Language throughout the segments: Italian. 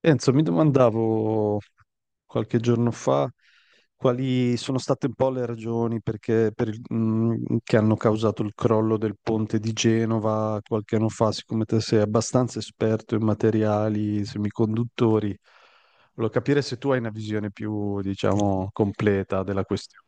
Enzo, mi domandavo qualche giorno fa quali sono state un po' le ragioni che hanno causato il crollo del ponte di Genova qualche anno fa. Siccome te sei abbastanza esperto in materiali semiconduttori, volevo capire se tu hai una visione più, diciamo, completa della questione.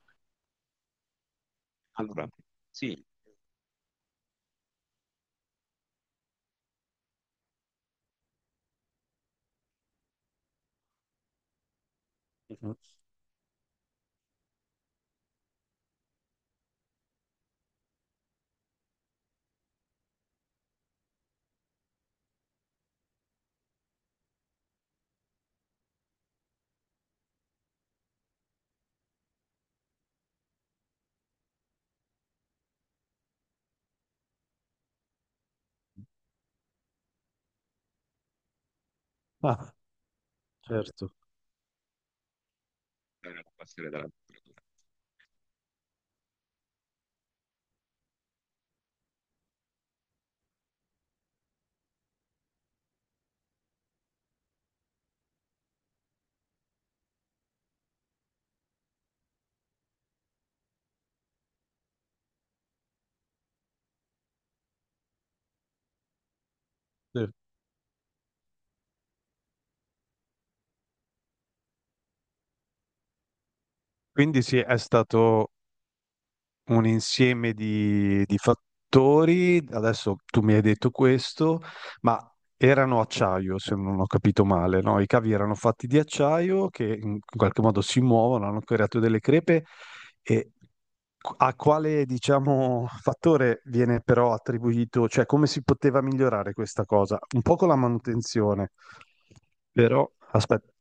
Ah, certo. Sì. Quindi sì, è stato un insieme di fattori. Adesso tu mi hai detto questo, ma erano acciaio, se non ho capito male, no? I cavi erano fatti di acciaio che in qualche modo si muovono, hanno creato delle crepe e a quale, diciamo, fattore viene però attribuito, cioè come si poteva migliorare questa cosa? Un po' con la manutenzione, però aspetta.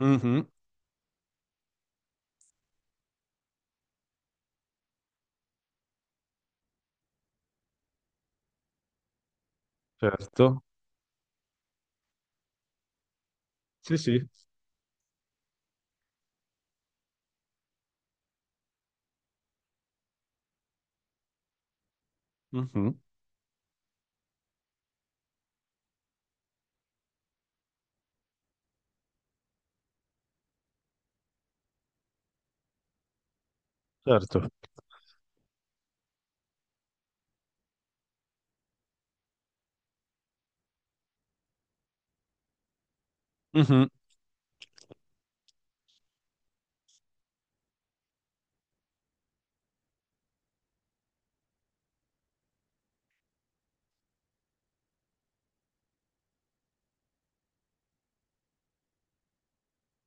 Mhm, certo. Sì, sì. Mhm, certo. Mhm.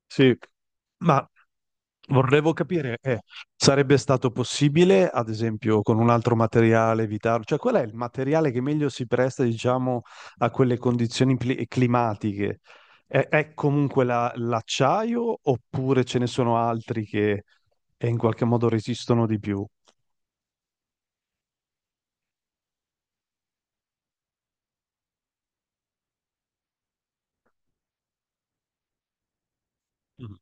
Sì, ma vorrevo capire, sarebbe stato possibile, ad esempio, con un altro materiale evitarlo? Cioè, qual è il materiale che meglio si presta, diciamo, a quelle climatiche? L'acciaio oppure ce ne sono altri che in qualche modo resistono di più? Mm.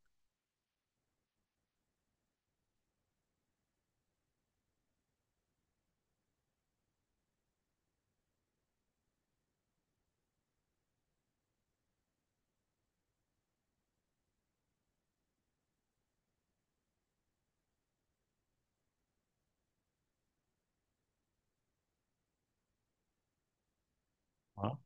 Ah,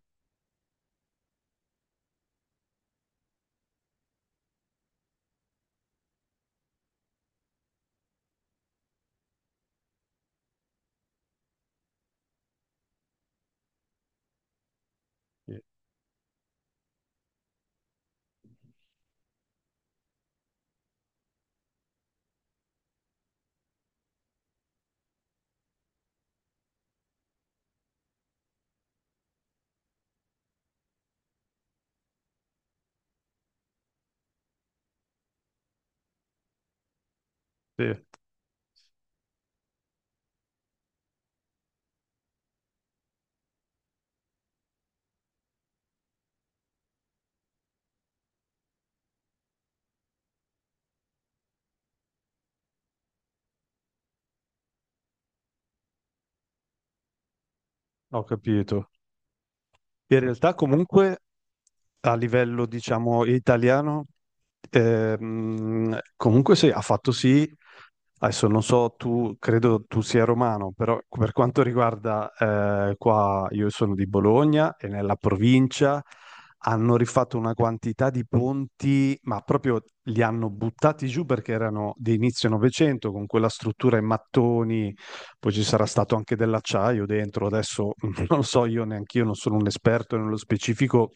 sì, sì, ho capito. In realtà comunque a livello, diciamo, italiano, comunque sì, ha fatto sì, adesso non so, tu credo tu sia romano, però per quanto riguarda qua, io sono di Bologna e nella provincia hanno rifatto una quantità di ponti, ma proprio li hanno buttati giù perché erano di inizio Novecento con quella struttura in mattoni, poi ci sarà stato anche dell'acciaio dentro, adesso non so, io neanche io non sono un esperto nello specifico,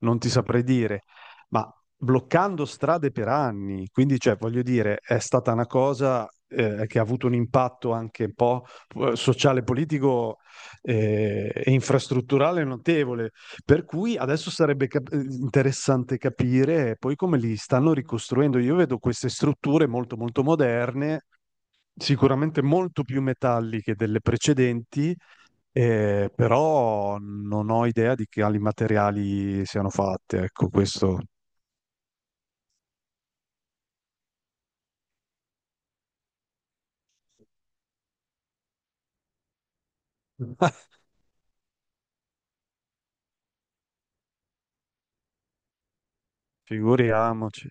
non ti saprei dire, ma bloccando strade per anni, quindi cioè, voglio dire, è stata una cosa che ha avuto un impatto anche un po' sociale, politico e infrastrutturale notevole, per cui adesso sarebbe interessante capire poi come li stanno ricostruendo. Io vedo queste strutture molto molto moderne, sicuramente molto più metalliche delle precedenti, però non ho idea di quali materiali siano fatte. Ecco, questo figuriamoci.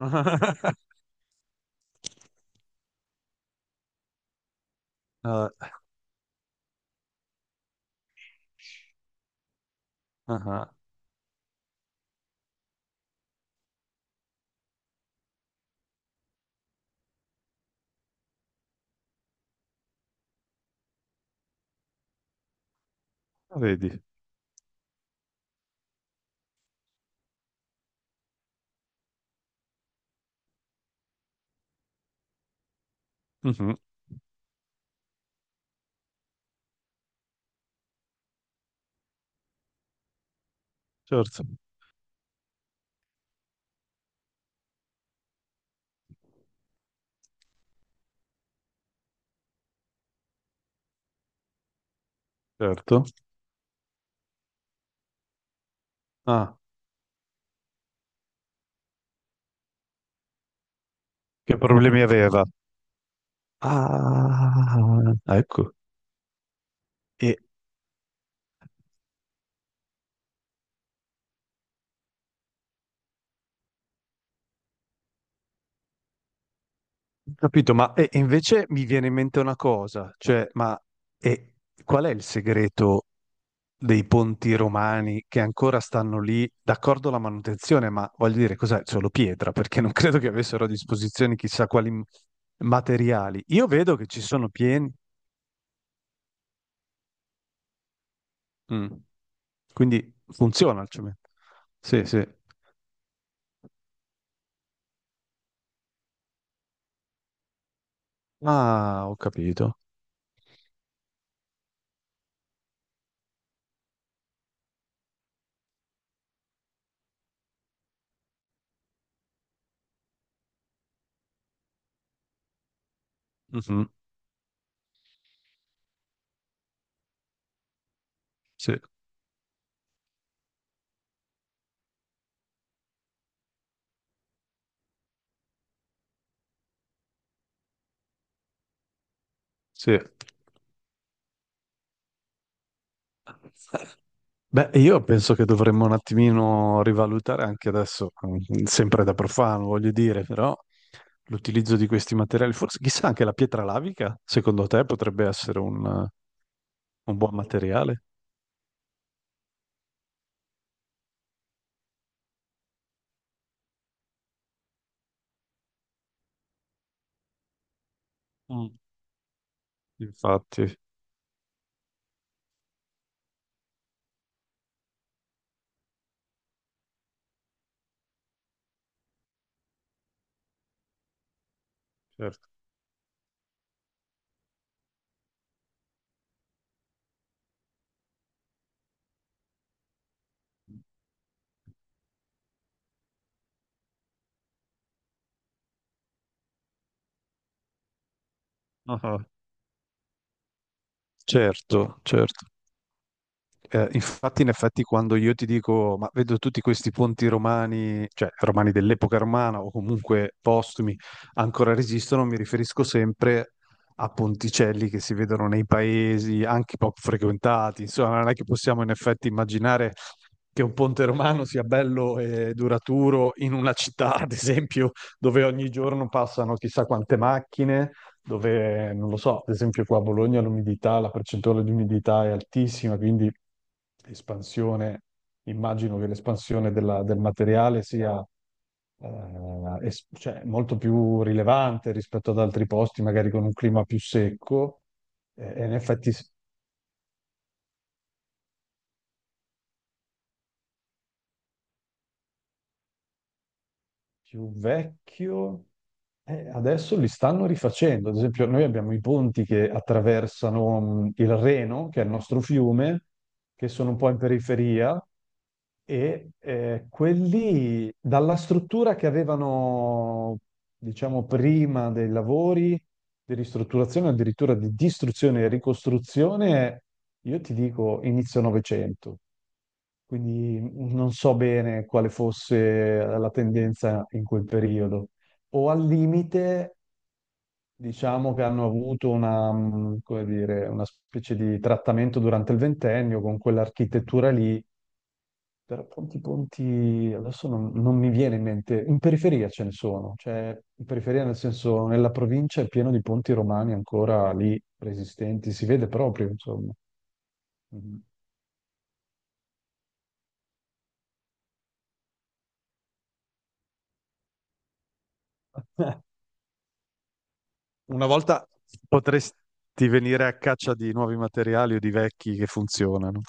Ah, ah, vedi, mhm, certo, certo. Ah, che problemi aveva? Ah, ecco. E capito, ma e invece mi viene in mente una cosa, cioè, ma e qual è il segreto dei ponti romani che ancora stanno lì? D'accordo la manutenzione, ma voglio dire, cos'è? Solo pietra, perché non credo che avessero a disposizione chissà quali materiali. Io vedo che ci sono pieni, mm. Quindi funziona il cemento. Sì, sì. Ah, ho capito. Mhm, sì, sì. Beh, io penso che dovremmo un attimino rivalutare anche adesso, sempre da profano, voglio dire, però l'utilizzo di questi materiali, forse chissà anche la pietra lavica, secondo te potrebbe essere un buon materiale? Infatti, certo. Ah, certo, certo. Infatti, in effetti, quando io ti dico, ma vedo tutti questi ponti romani, cioè romani dell'epoca romana o comunque postumi, ancora resistono, mi riferisco sempre a ponticelli che si vedono nei paesi anche poco frequentati. Insomma, non è che possiamo in effetti immaginare che un ponte romano sia bello e duraturo in una città, ad esempio, dove ogni giorno passano chissà quante macchine, dove, non lo so, ad esempio qua a Bologna l'umidità, la percentuale di umidità è altissima, quindi espansione, immagino che del materiale sia cioè, molto più rilevante rispetto ad altri posti, magari con un clima più secco, eh, e in effetti s- più vecchio. Adesso li stanno rifacendo. Ad esempio, noi abbiamo i ponti che attraversano il Reno, che è il nostro fiume, che sono un po' in periferia, e quelli dalla struttura che avevano, diciamo, prima dei lavori di ristrutturazione, addirittura di distruzione e ricostruzione, io ti dico inizio Novecento, quindi non so bene quale fosse la tendenza in quel periodo. O al limite, diciamo che hanno avuto una, come dire, una specie di trattamento durante il ventennio con quell'architettura lì, però ponti adesso non, non mi viene in mente, in periferia ce ne sono, cioè in periferia nel senso nella provincia è pieno di ponti romani ancora lì resistenti, si vede proprio, insomma. Mhm. Una volta potresti venire a caccia di nuovi materiali o di vecchi che funzionano.